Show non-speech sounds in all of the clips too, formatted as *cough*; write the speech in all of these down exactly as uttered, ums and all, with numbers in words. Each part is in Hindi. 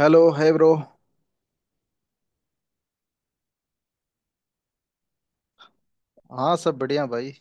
हेलो है ब्रो। हाँ सब बढ़िया भाई।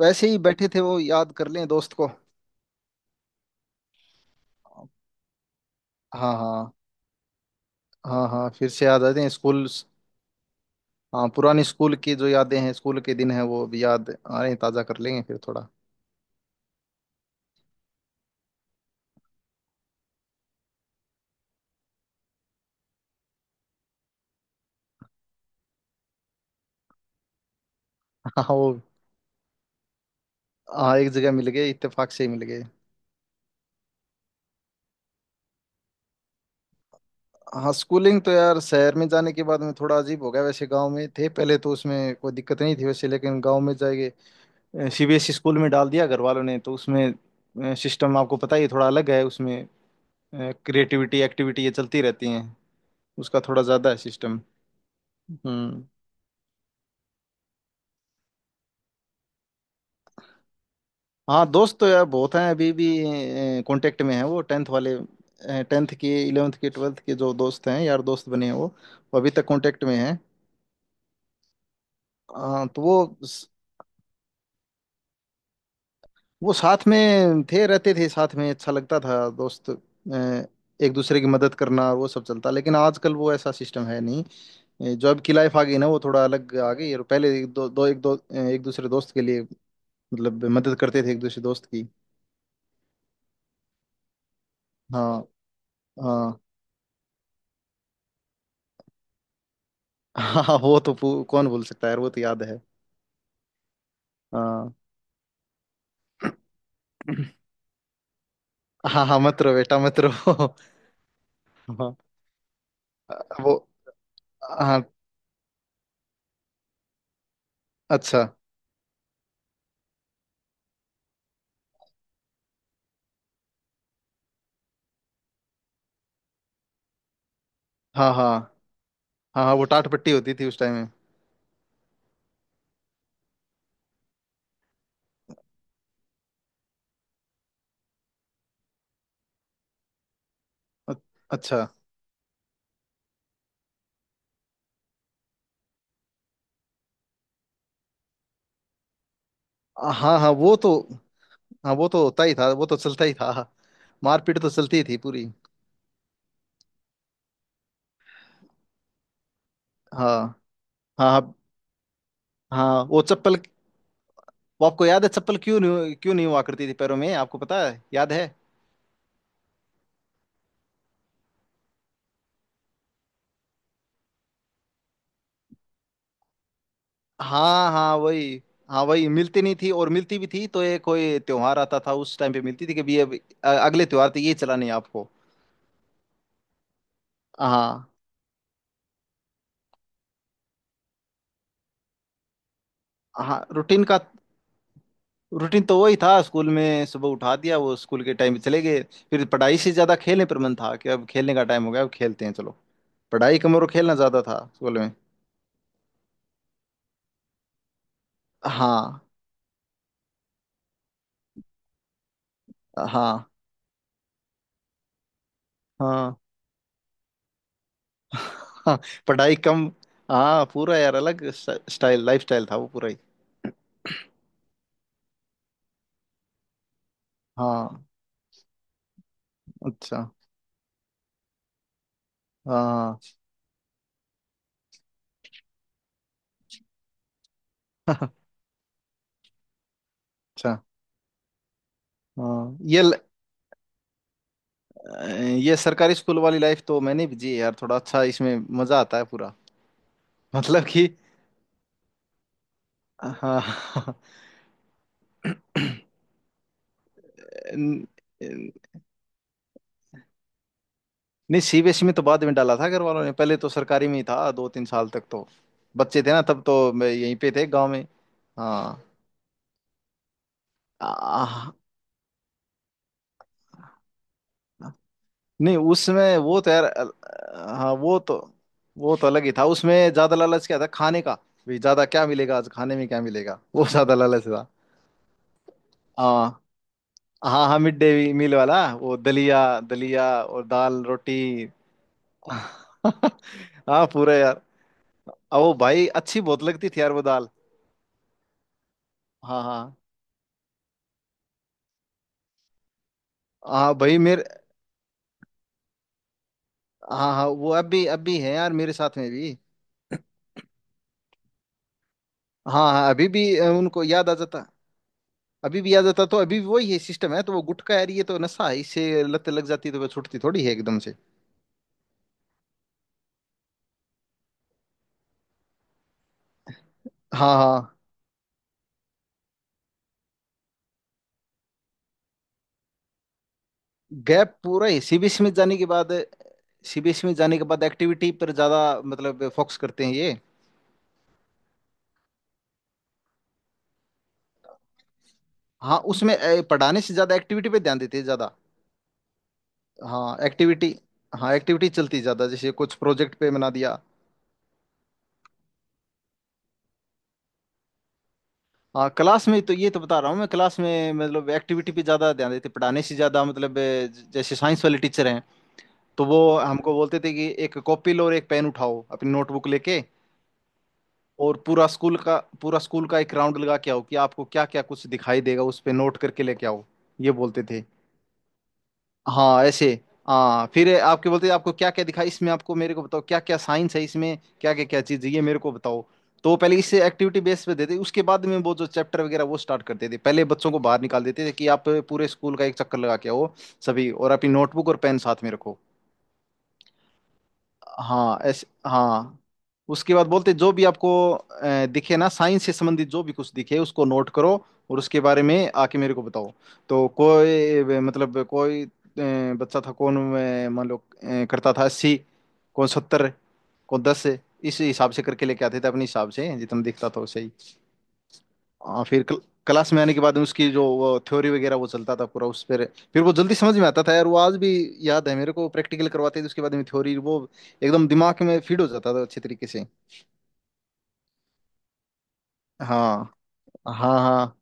वैसे ही बैठे थे वो याद कर लें दोस्त को। हाँ। हाँ। हाँ हाँ फिर से याद आते हैं स्कूल। हाँ पुरानी स्कूल की जो यादें हैं स्कूल के दिन हैं वो अभी याद आ रहे हैं ताज़ा कर लेंगे फिर थोड़ा *laughs* हाँ वो। हाँ, एक जगह मिल गए, इत्तेफाक से ही मिल गए। हाँ, स्कूलिंग तो यार शहर में जाने के बाद में थोड़ा अजीब हो गया। वैसे गांव में थे पहले तो उसमें कोई दिक्कत नहीं थी, वैसे। लेकिन गांव में जाएंगे सीबीएसई स्कूल में डाल दिया घर वालों ने, तो उसमें सिस्टम आपको पता ही है, थोड़ा अलग है उसमें। क्रिएटिविटी, एक्टिविटी ये चलती रहती हैं। उसका थोड़ा ज़्यादा है सिस्टम। हम्म। हाँ दोस्त तो यार बहुत हैं अभी भी, कांटेक्ट में हैं। वो टेंथ वाले, टेंथ के इलेवेंथ के ट्वेल्थ के जो दोस्त हैं यार, दोस्त बने हैं वो वो अभी तक कांटेक्ट में हैं। हाँ, तो वो वो साथ में थे, रहते थे साथ में अच्छा लगता था दोस्त। अ, एक दूसरे की मदद करना और वो सब चलता, लेकिन आजकल वो ऐसा सिस्टम है नहीं। अ, जो अब की लाइफ आ गई ना वो थोड़ा अलग आ गई। और पहले एक दो, दो एक दो अ, एक दूसरे दोस्त के लिए मतलब मदद करते थे एक दूसरे दोस्त की। हाँ। हाँ। हाँ वो तो पू- कौन भूल सकता है यार, वो तो याद है। हाँ। हाँ। हाँ, मत रो बेटा, मत रो, हाँ। वो। हाँ। अच्छा। हाँ हाँ हाँ हाँ वो टाट पट्टी होती थी उस टाइम में। अ- अच्छा। हाँ हाँ वो तो। हाँ, वो तो होता ही था, वो तो चलता ही था, मारपीट तो चलती ही थी पूरी। हाँ हाँ। हाँ हाँ, वो चप्पल। वो आपको याद है चप्पल क्यों नहीं, क्यों नहीं हुआ करती थी पैरों में, आपको पता है, याद है? हाँ हाँ वही। हाँ वही मिलती नहीं थी, और मिलती भी थी तो ये कोई त्योहार आता था उस टाइम पे मिलती थी कि भी ये अ- अगले त्योहार तक ये चलानी है आपको। हाँ। हाँ, रूटीन का, रूटीन तो वही था स्कूल में, सुबह उठा दिया वो स्कूल के टाइम पे चले गए। फिर पढ़ाई से ज्यादा खेलने पर मन था, कि अब खेलने का टाइम हो गया अब खेलते हैं चलो। पढ़ाई कम और खेलना ज्यादा था स्कूल में। हाँ। हाँ। हाँ *laughs* हाँ पढ़ाई कम। हाँ पूरा यार, अलग स्टाइल, लाइफ स्टाइल था वो पूरा ही। हाँ। अच्छा। हाँ *laughs* अच्छा। हाँ, ये ल- ये सरकारी स्कूल वाली लाइफ तो मैंने भी जी यार, थोड़ा अच्छा, इसमें मजा आता है पूरा। *laughs* मतलब कि हाँ *laughs* न- नहीं, सीबीएसई में तो बाद में डाला था घर वालों ने, पहले तो सरकारी में ही था दो तीन साल तक तो। बच्चे थे ना तब, तो मैं यहीं पे थे गांव में। हाँ। आ, नहीं, उसमें वो तो यार अल- हाँ वो तो, वो तो अलग ही था। उसमें ज्यादा लालच क्या था खाने का भी, ज्यादा क्या मिलेगा आज खाने में, क्या मिलेगा वो ज्यादा लालच था। हाँ। हाँ हाँ मिड डे मील वाला वो दलिया, दलिया और दाल रोटी। हाँ पूरा यार, अब वो भाई अच्छी बहुत लगती थी यार वो दाल। हाँ हाँ। हाँ भाई मेरे, हाँ हाँ वो अब भी, अब भी है यार मेरे साथ में भी। हाँ हाँ अभी भी अ, उनको याद आ जाता। अभी भी याद आता तो अभी भी वही है, सिस्टम है तो, वो गुटखा यार ये तो नशा है, इससे लत लग जाती तो वो छूटती थोड़ी है एकदम से। हाँ हाँ, गैप पूरा ही सीबीएस में जाने के बाद, सीबीएस में जाने के बाद एक्टिविटी पर ज्यादा मतलब फोकस करते हैं ये। हाँ उसमें ए, पढ़ाने से ज्यादा एक्टिविटी पे ध्यान देते हैं ज्यादा। हाँ एक्टिविटी, हाँ एक्टिविटी चलती है ज्यादा, जैसे कुछ प्रोजेक्ट पे बना दिया। हाँ क्लास में तो, ये तो बता रहा हूँ मैं, क्लास में मतलब एक्टिविटी पे ज्यादा ध्यान देते पढ़ाने से ज्यादा, मतलब ए, ज- जैसे साइंस वाले टीचर हैं, तो वो हमको बोलते थे कि एक कॉपी लो और एक पेन उठाओ अपनी नोटबुक लेके, और पूरा स्कूल का पूरा स्कूल का एक राउंड लगा के आओ, कि आपको क्या क्या कुछ दिखाई देगा उस पे नोट करके लेके आओ, ये बोलते थे। हाँ ऐसे। हाँ फिर आपके बोलते आपको क्या क्या दिखा इसमें, आपको मेरे को बताओ क्या क्या साइंस है इसमें क्या क्या क्या चीज़ है ये मेरे को बताओ। तो पहले इसे एक्टिविटी बेस पे देते, उसके बाद में वो जो चैप्टर वगैरह वो स्टार्ट करते थे, पहले बच्चों को बाहर निकाल देते थे कि आप पूरे स्कूल का एक चक्कर लगा के आओ सभी, और अपनी नोटबुक और पेन साथ में रखो। हाँ ऐसे हाँ। उसके बाद बोलते जो भी आपको अ, दिखे ना साइंस से संबंधित, जो भी कुछ दिखे उसको नोट करो और उसके बारे में आके मेरे को बताओ। तो कोई अ, मतलब कोई अ, बच्चा था कौन, अ, मान लो अ, करता था अस्सी, कौन सत्तर, कौन दस, इस हिसाब से करके लेके आते थे अपने हिसाब से जितना दिखता था वैसे ही। हाँ फिर क्ल, क्लास में आने के बाद में उसकी जो थ्योरी वगैरह वो चलता था पूरा उस पर, फिर वो जल्दी समझ में आता था यार, वो आज भी याद है मेरे को, प्रैक्टिकल करवाते थे उसके बाद में थ्योरी, वो एकदम दिमाग में फीड हो जाता था अच्छे तरीके से। हाँ हाँ। हाँ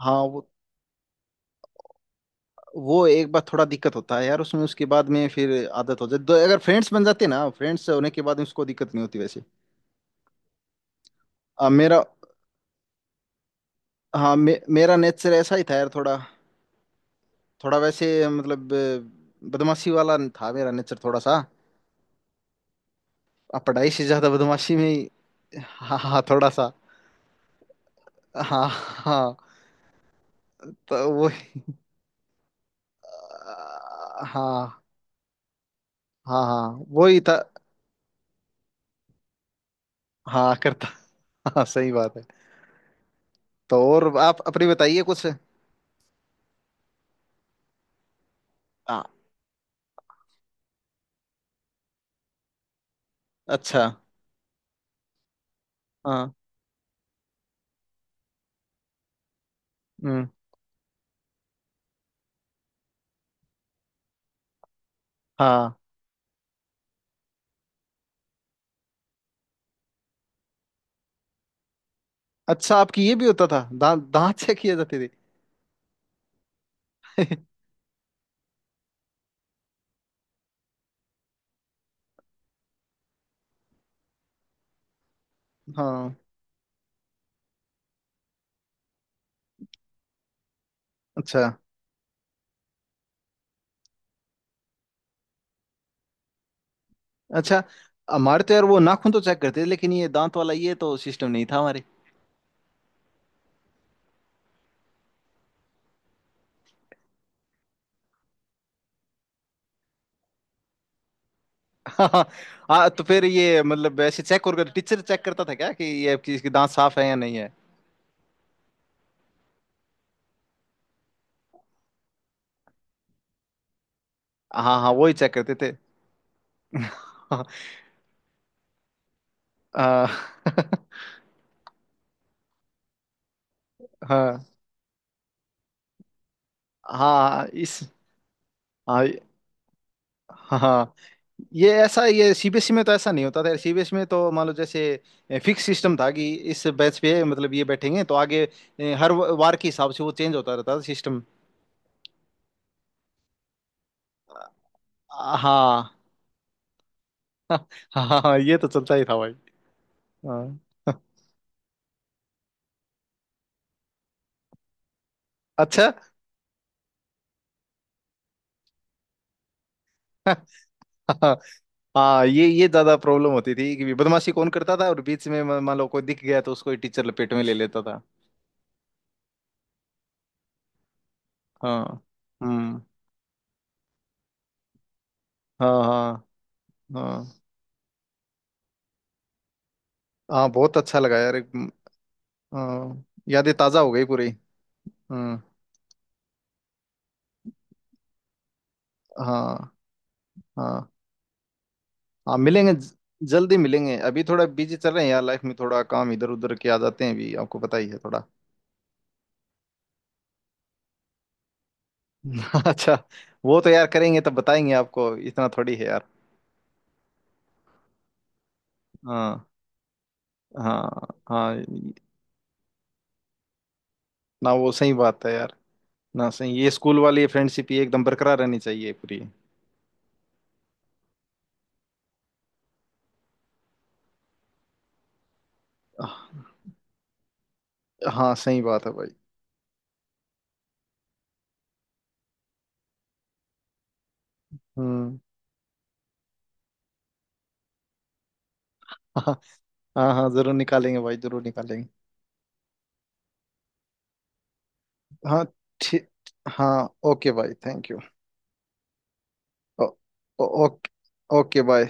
हाँ वो वो एक बार थोड़ा दिक्कत होता है यार उसमें, उसके बाद में फिर आदत हो जाती, तो अगर फ्रेंड्स बन जाते ना, फ्रेंड्स होने के बाद उसको दिक्कत नहीं होती वैसे। आ, मेरा, हाँ मे, मेरा नेचर ऐसा ही था यार, थोड़ा, थोड़ा वैसे मतलब अ, बदमाशी वाला था मेरा नेचर, थोड़ा सा। अब पढ़ाई से ज्यादा बदमाशी में ही। हाँ हाँ थोड़ा सा। हाँ हाँ तो वो, हाँ हाँ हाँ वो ही था। हाँ करता, हाँ सही बात है। तो और आप अपनी बताइए कुछ। हाँ। अच्छा। हाँ। हम्म। हाँ। अच्छा, आपकी ये भी होता था, दांत दांत चेक किए जाते थे? *laughs* हाँ। अच्छा। अच्छा, हमारे तो यार वो नाखून तो चेक करते थे, लेकिन ये दांत वाला ये तो सिस्टम नहीं था हमारे। हाँ हाँ, तो फिर ये मतलब ऐसे चेक, और टीचर चेक करता था क्या कि ये आपकी इसके दांत साफ है या नहीं है? हाँ हाँ वो ही चेक करते थे। *laughs* आ, *laughs* हाँ हाँ इस, हाँ हाँ हाँ, ये ऐसा ये सीबीएसई में तो ऐसा नहीं होता था, सीबीएसई में तो मान लो जैसे फिक्स सिस्टम था, कि इस बैच पे मतलब ये बैठेंगे तो आगे ए, हर वार के हिसाब से वो चेंज होता रहता था सिस्टम। हाँ *laughs* हाँ हाँ ये तो चलता ही था भाई। हाँ *laughs* अच्छा *laughs* हाँ हाँ ये ये ज्यादा प्रॉब्लम होती थी कि बदमाशी कौन करता था, और बीच में म- मान लो कोई दिख गया तो उसको टीचर लपेट में ले लेता था। हाँ। हम्म। हाँ हाँ। हाँ हाँ बहुत अच्छा लगा यार एक- हाँ यादें ताजा हो गई पूरी। हम्म। हाँ हाँ हाँ मिलेंगे ज- जल्दी मिलेंगे, अभी थोड़ा बिजी चल रहे हैं यार लाइफ में, थोड़ा काम इधर उधर के आ जाते हैं अभी, आपको पता ही है थोड़ा। *laughs* अच्छा, वो तो यार करेंगे तब बताएंगे आपको, इतना थोड़ी है यार। हाँ हाँ हाँ। ना वो सही बात है यार, ना सही, ये स्कूल वाली फ्रेंडशिप ये एकदम बरकरार रहनी चाहिए पूरी। हाँ सही बात है भाई। हम्म। हाँ हाँ हाँ, जरूर निकालेंगे भाई, जरूर निकालेंगे। हाँ ठीक। हाँ ओके भाई, thank you. Oh, oh, okay. Okay bye.